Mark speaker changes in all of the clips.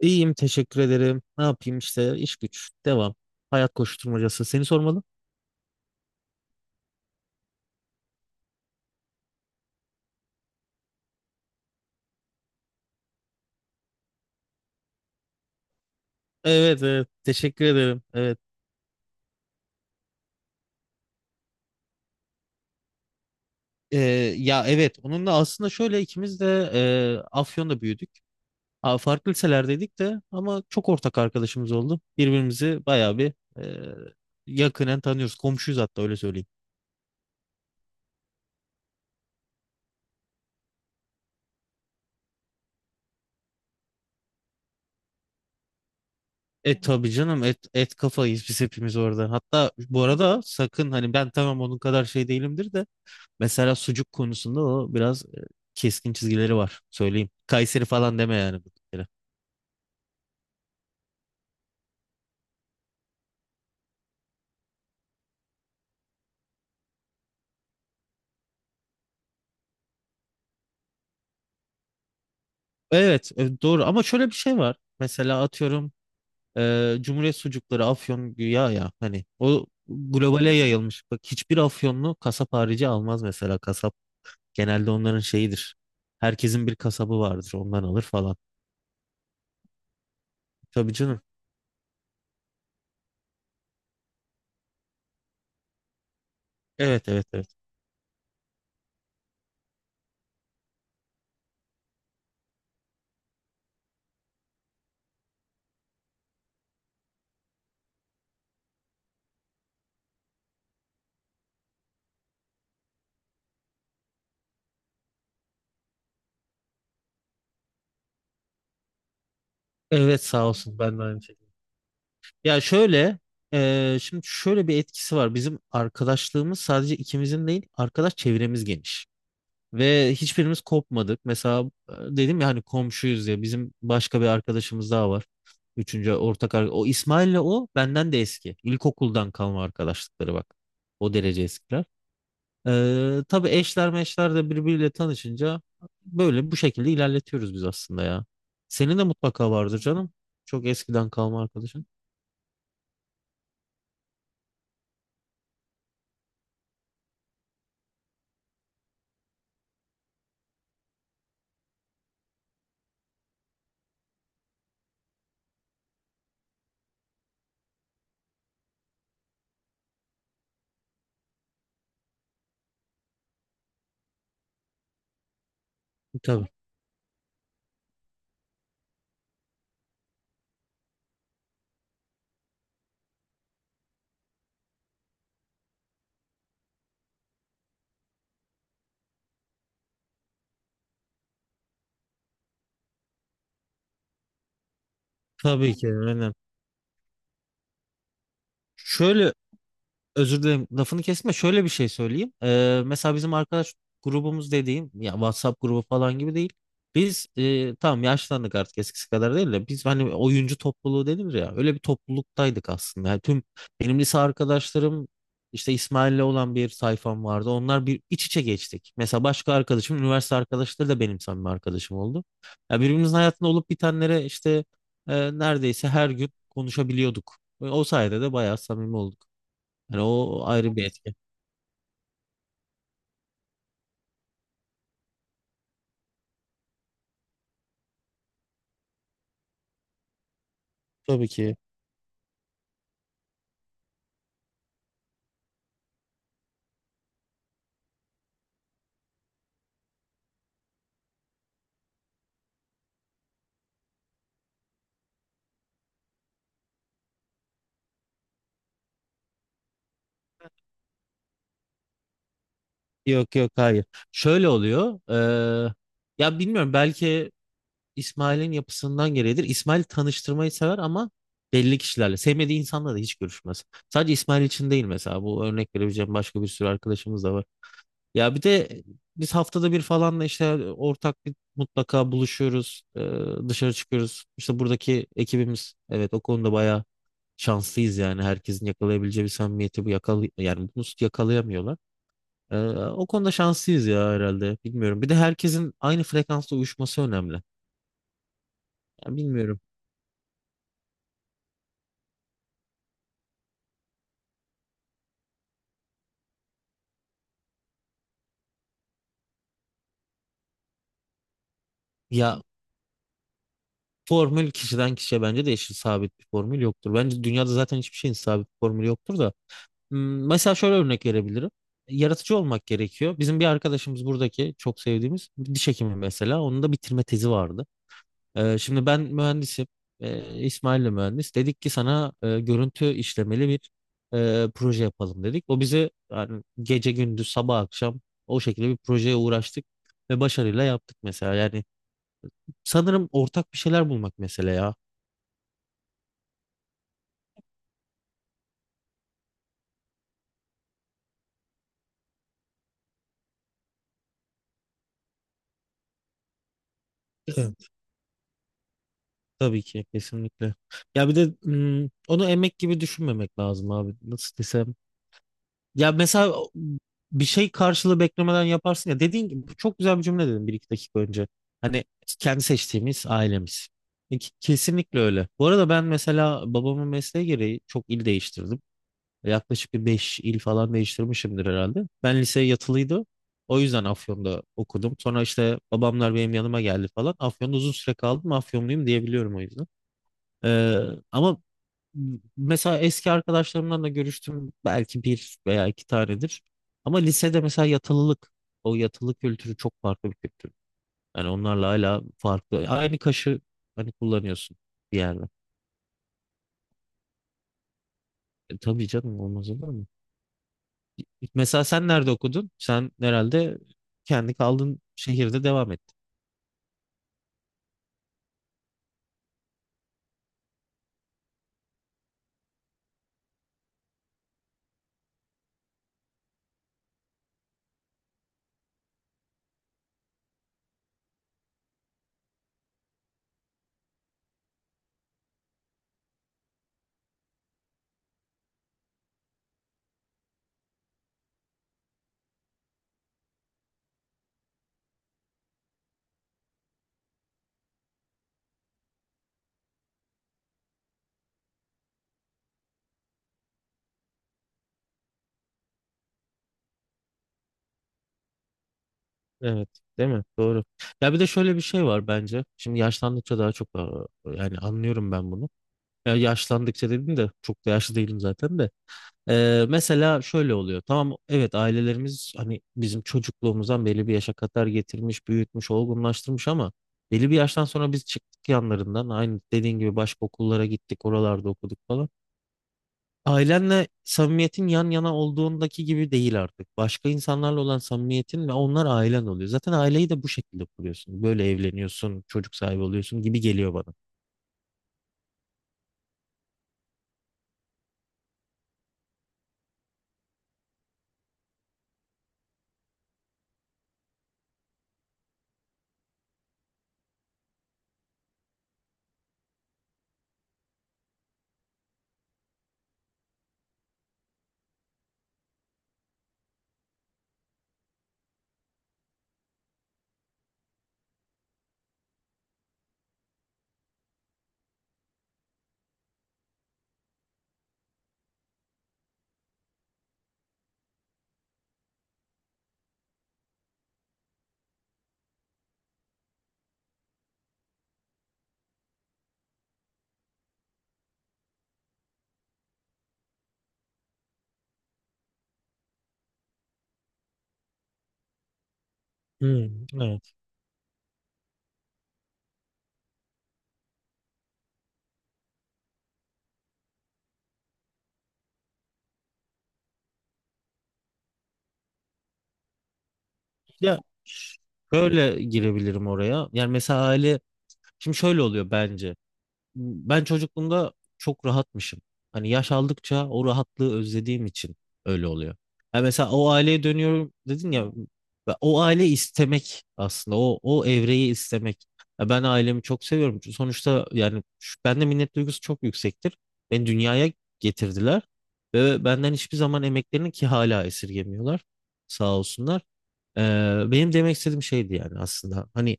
Speaker 1: İyiyim, teşekkür ederim. Ne yapayım işte, iş güç devam. Hayat koşturmacası. Seni sormalı. Evet, evet, teşekkür ederim. Evet. Ee, ya evet, onunla aslında şöyle, ikimiz de Afyon'da büyüdük. Aa, farklı liselerdeydik de ama çok ortak arkadaşımız oldu. Birbirimizi bayağı bir e, yakinen tanıyoruz. Komşuyuz, hatta öyle söyleyeyim. E tabii canım, et, et kafayız biz hepimiz orada. Hatta bu arada sakın, hani ben tamam onun kadar şey değilimdir de mesela sucuk konusunda o biraz keskin çizgileri var. Söyleyeyim. Kayseri falan deme yani. Bu bir kere. Evet, doğru, ama şöyle bir şey var. Mesela atıyorum, Cumhuriyet sucukları Afyon güya, ya hani o globale yayılmış. Bak, hiçbir Afyonlu kasap harici almaz mesela kasap. Genelde onların şeyidir. Herkesin bir kasabı vardır. Ondan alır falan. Tabii canım. Evet, evet, evet. Evet, sağ olsun, ben de aynı şey. Ya şöyle, şimdi şöyle bir etkisi var. Bizim arkadaşlığımız sadece ikimizin değil, arkadaş çevremiz geniş. Ve hiçbirimiz kopmadık. Mesela dedim ya, hani komşuyuz ya, bizim başka bir arkadaşımız daha var. Üçüncü ortak arkadaş. O İsmail'le, o benden de eski. İlkokuldan kalma arkadaşlıkları, bak. O derece eskiler. Tabii eşler meşler de birbiriyle tanışınca böyle bu şekilde ilerletiyoruz biz aslında ya. Senin de mutlaka vardır canım. Çok eskiden kalma arkadaşın. Tabii ki, aynen. Şöyle, özür dilerim lafını kesme. Şöyle bir şey söyleyeyim. Mesela bizim arkadaş grubumuz dediğim ya, WhatsApp grubu falan gibi değil. Biz tamam yaşlandık artık eskisi kadar değil de, biz hani oyuncu topluluğu denir ya, öyle bir topluluktaydık aslında. Yani tüm benim lise arkadaşlarım, işte İsmail'le olan bir sayfam vardı. Onlar bir iç içe geçtik. Mesela başka arkadaşım, üniversite arkadaşları da benim samimi arkadaşım oldu. Ya birbirimizin hayatında olup bitenlere işte neredeyse her gün konuşabiliyorduk. O sayede de bayağı samimi olduk. Yani o ayrı bir etki. Tabii ki. Yok, yok, hayır. Şöyle oluyor. Ya bilmiyorum, belki İsmail'in yapısından gereğidir. İsmail tanıştırmayı sever ama belli kişilerle. Sevmediği insanla da hiç görüşmez. Sadece İsmail için değil mesela. Bu örnek verebileceğim başka bir sürü arkadaşımız da var. Ya bir de biz haftada bir falan da işte ortak bir mutlaka buluşuyoruz. Dışarı çıkıyoruz. İşte buradaki ekibimiz, evet, o konuda bayağı şanslıyız yani. Herkesin yakalayabileceği bir samimiyeti bu yani bunu yakalayamıyorlar. E, o konuda şanslıyız ya herhalde. Bilmiyorum. Bir de herkesin aynı frekansla uyuşması önemli. Yani bilmiyorum. Ya formül kişiden kişiye bence değişir. Sabit bir formül yoktur. Bence dünyada zaten hiçbir şeyin sabit bir formülü yoktur da. Hmm. Mesela şöyle örnek verebilirim. Yaratıcı olmak gerekiyor. Bizim bir arkadaşımız, buradaki çok sevdiğimiz bir diş hekimi mesela. Onun da bitirme tezi vardı. Şimdi ben mühendisim. İsmail de mühendis. Dedik ki sana görüntü işlemeli bir proje yapalım dedik. O bize yani gece gündüz sabah akşam o şekilde bir projeye uğraştık ve başarıyla yaptık mesela. Yani sanırım ortak bir şeyler bulmak mesela ya. Tabii ki, kesinlikle. Ya bir de onu emek gibi düşünmemek lazım abi. Nasıl desem. Ya mesela bir şey karşılığı beklemeden yaparsın ya. Dediğin gibi, bu çok güzel bir cümle dedin bir iki dakika önce. Hani kendi seçtiğimiz ailemiz. E, ke- Kesinlikle öyle. Bu arada ben mesela babamın mesleği gereği çok il değiştirdim. Yaklaşık bir 5 il falan değiştirmişimdir herhalde. Ben lise yatılıydı. O yüzden Afyon'da okudum. Sonra işte babamlar benim yanıma geldi falan. Afyon'da uzun süre kaldım. Afyonluyum diyebiliyorum o yüzden. Ee, Ama mesela eski arkadaşlarımdan da görüştüm belki bir veya iki tanedir. Ama lisede mesela yatılılık, o yatılı kültürü çok farklı bir kültür. Yani onlarla hala farklı. Aynı kaşı hani kullanıyorsun bir yerde. E, tabii canım, olmaz olur mu? Mesela sen nerede okudun? Sen herhalde kendi kaldığın şehirde devam ettin. Evet, değil mi? Doğru. Ya bir de şöyle bir şey var bence. Şimdi yaşlandıkça daha çok yani anlıyorum ben bunu. Ya yaşlandıkça dedim de, çok da yaşlı değilim zaten de. Mesela şöyle oluyor. Tamam evet, ailelerimiz hani bizim çocukluğumuzdan belli bir yaşa kadar getirmiş, büyütmüş, olgunlaştırmış ama belli bir yaştan sonra biz çıktık yanlarından. Aynı dediğin gibi başka okullara gittik, oralarda okuduk falan. Ailenle samimiyetin yan yana olduğundaki gibi değil artık. Başka insanlarla olan samimiyetin ve onlar ailen oluyor. Zaten aileyi de bu şekilde kuruyorsun. Böyle evleniyorsun, çocuk sahibi oluyorsun gibi geliyor bana. Hmm, evet. Ya şöyle girebilirim oraya. Yani mesela aile, şimdi şöyle oluyor bence, ben çocukluğumda çok rahatmışım. Hani yaş aldıkça o rahatlığı özlediğim için öyle oluyor. Ha mesela, o aileye dönüyorum dedin ya, ve o aile istemek aslında o evreyi istemek. Ya ben ailemi çok seviyorum. Çünkü sonuçta yani bende minnet duygusu çok yüksektir. Beni dünyaya getirdiler ve benden hiçbir zaman emeklerini, ki hala esirgemiyorlar. Sağ olsunlar. Benim demek istediğim şeydi yani aslında. Hani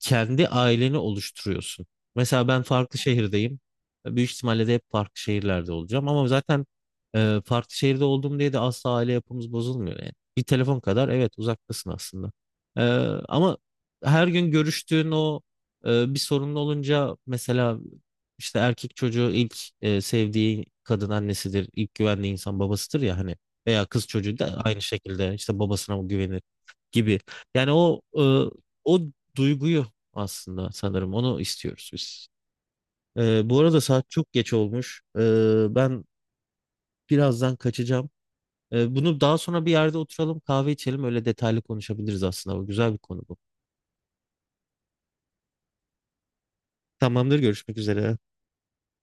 Speaker 1: kendi aileni oluşturuyorsun. Mesela ben farklı şehirdeyim. Büyük ihtimalle de hep farklı şehirlerde olacağım. Ama zaten farklı şehirde olduğum diye de asla aile yapımız bozulmuyor yani. Bir telefon kadar evet uzaktasın aslında. E, Ama her gün görüştüğün o bir sorunlu olunca mesela, işte erkek çocuğu ilk sevdiği kadın annesidir, ilk güvendiği insan babasıdır ya hani, veya kız çocuğu da aynı şekilde işte babasına güvenir gibi. Yani o o duyguyu aslında sanırım onu istiyoruz biz. Bu arada saat çok geç olmuş. Ben birazdan kaçacağım. Bunu daha sonra bir yerde oturalım, kahve içelim, öyle detaylı konuşabiliriz aslında. Bu güzel bir konu bu. Tamamdır, görüşmek üzere.